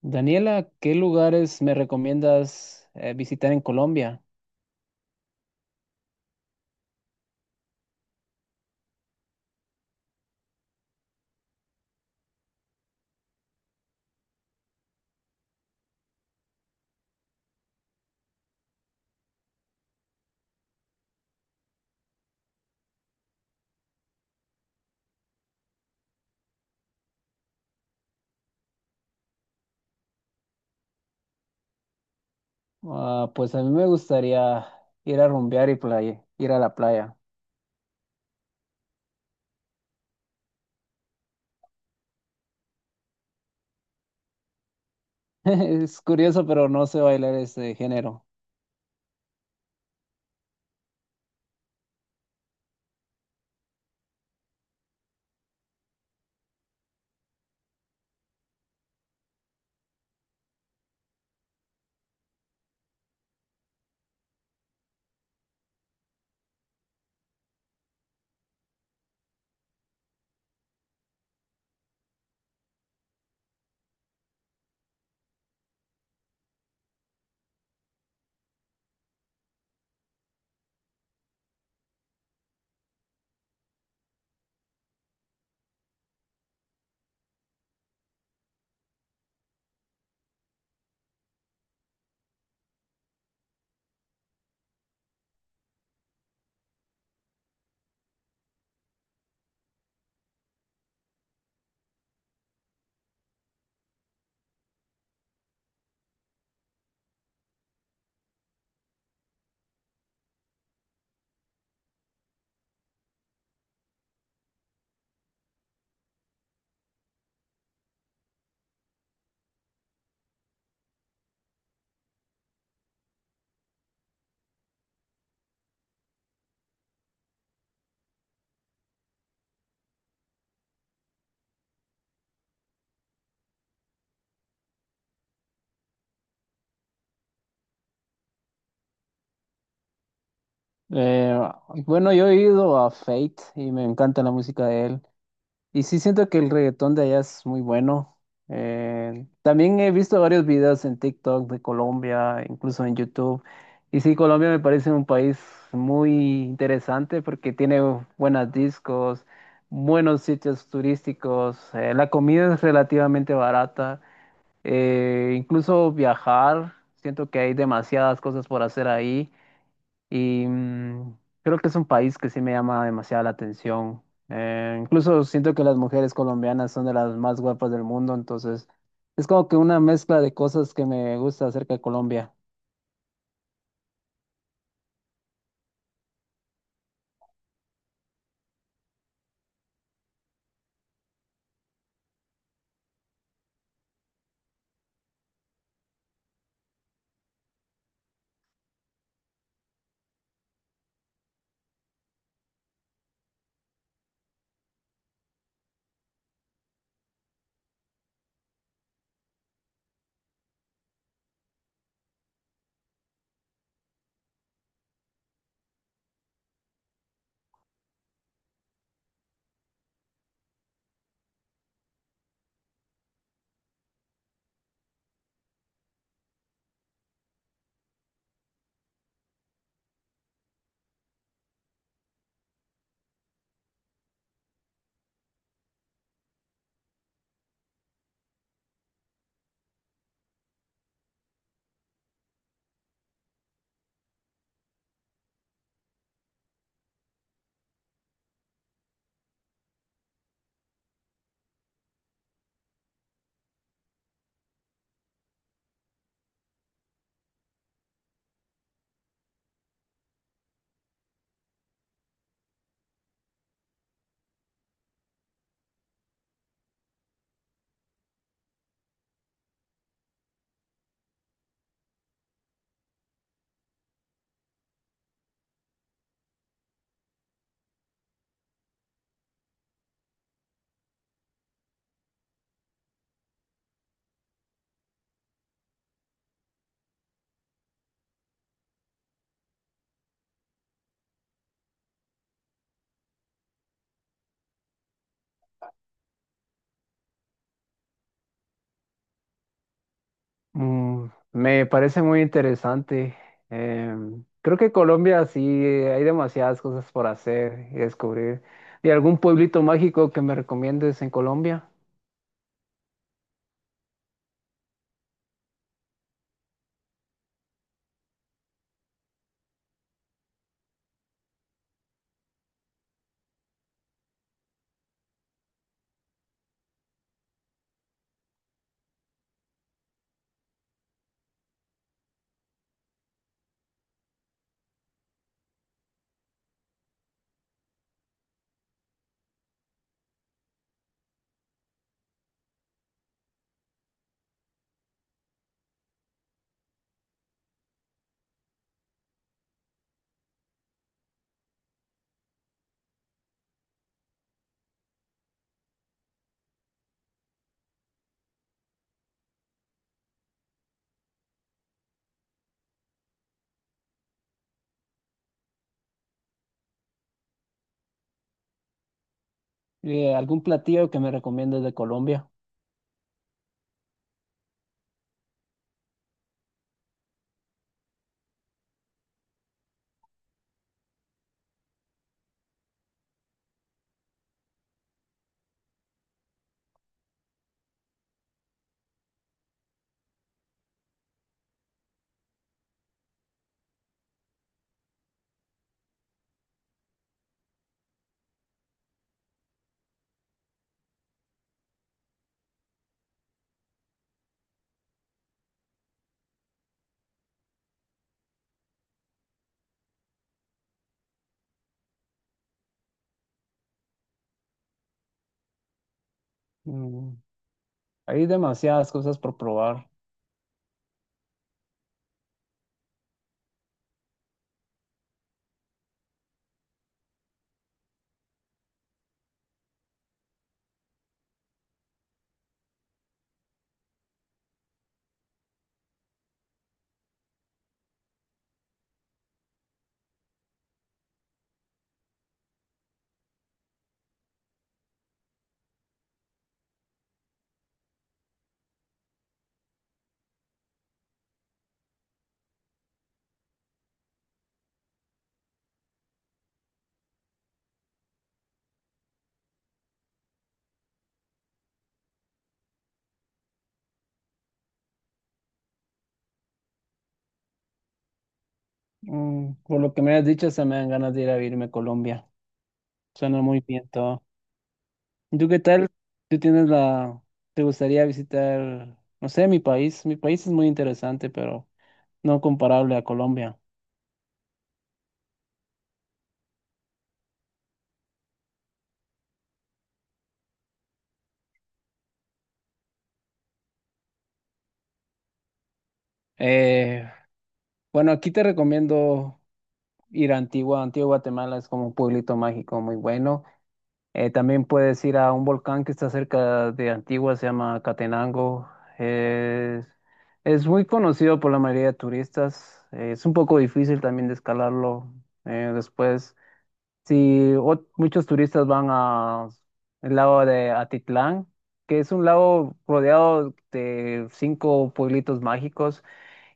Daniela, ¿qué lugares me recomiendas visitar en Colombia? Ah, pues a mí me gustaría ir a rumbear y playa, ir a la playa. Es curioso, pero no sé bailar ese género. Eh, bueno, yo he ido a Fate y me encanta la música de él. Y sí siento que el reggaetón de allá es muy bueno. También he visto varios videos en TikTok de Colombia, incluso en YouTube. Y sí, Colombia me parece un país muy interesante porque tiene buenas discos, buenos sitios turísticos, la comida es relativamente barata, incluso viajar, siento que hay demasiadas cosas por hacer ahí. Y mm, creo que es un país que sí me llama demasiado la atención. Incluso siento que las mujeres colombianas son de las más guapas del mundo, entonces es como que una mezcla de cosas que me gusta acerca de Colombia. Mm, me parece muy interesante. Em, creo que Colombia sí hay demasiadas cosas por hacer y descubrir. ¿Y algún pueblito mágico que me recomiendes en Colombia? ¿Y algún platillo que me recomiendes de Colombia? Mm, hay demasiadas cosas por probar. Mm, por lo que me has dicho, se me dan ganas de ir a irme a Colombia. Suena muy bien todo. ¿Y tú qué tal? ¿Tú tienes la... ¿Te gustaría visitar, no sé, mi país? Mi país es muy interesante, pero no comparable a Colombia. Eh, bueno, aquí te recomiendo ir a Antigua. Antigua Guatemala es como un pueblito mágico muy bueno. También puedes ir a un volcán que está cerca de Antigua, se llama Catenango. Es, es muy conocido por la mayoría de turistas. Es un poco difícil también de escalarlo. Después, si muchos turistas van a el lago de Atitlán, que es un lago rodeado de 5 pueblitos mágicos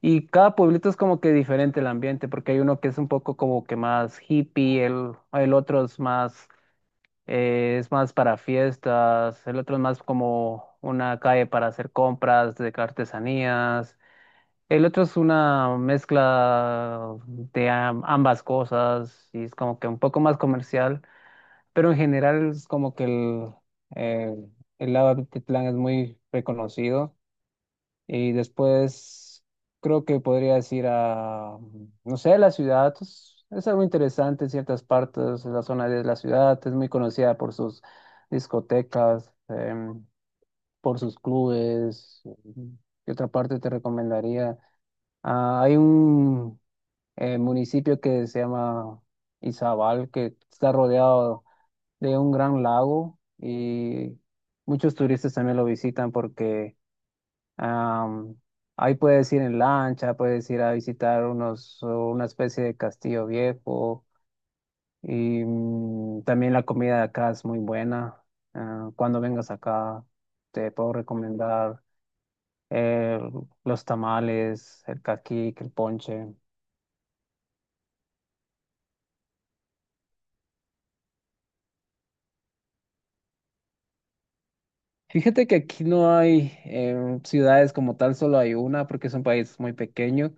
y cada pueblito es como que diferente el ambiente, porque hay uno que es un poco como que más hippie, el otro es más para fiestas, el otro es más como una calle para hacer compras de artesanías, el otro es una mezcla de ambas cosas y es como que un poco más comercial, pero en general es como que eh, el lado de Atitlán es muy reconocido. Y después creo que podrías ir a, no sé, la ciudad. Es algo interesante en ciertas partes. La zona de la ciudad es muy conocida por sus discotecas, em, por sus clubes. ¿Qué otra parte te recomendaría? Ah, hay un municipio que se llama Izabal, que está rodeado de un gran lago y muchos turistas también lo visitan porque Am, ahí puedes ir en lancha, puedes ir a visitar unos, una especie de castillo viejo y mm, también la comida de acá es muy buena. Ah, cuando vengas acá te puedo recomendar eh, los tamales, el caquic, el ponche. Fíjate que aquí no hay ciudades como tal, solo hay una porque es un país muy pequeño.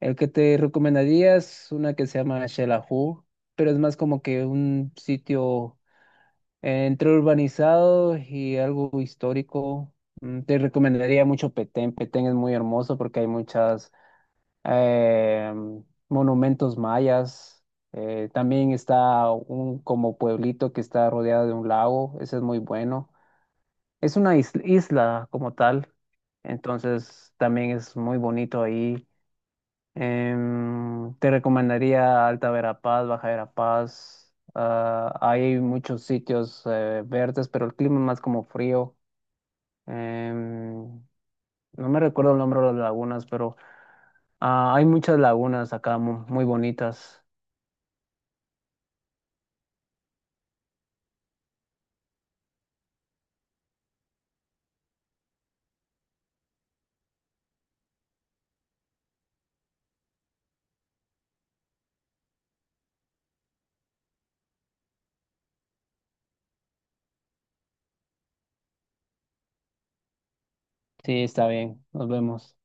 El que te recomendaría es una que se llama Xelajú, pero es más como que un sitio entre urbanizados y algo histórico, mm, te recomendaría mucho Petén. Petén es muy hermoso porque hay muchas eh, monumentos mayas. También está un como pueblito que está rodeado de un lago. Ese es muy bueno. Es una isla como tal. Entonces también es muy bonito ahí. Em, te recomendaría Alta Verapaz, Baja Verapaz. Ah, hay muchos sitios verdes, pero el clima es más como frío. Em, no me recuerdo el nombre de las lagunas, pero ah, hay muchas lagunas acá muy bonitas. Sí, está bien. Nos vemos.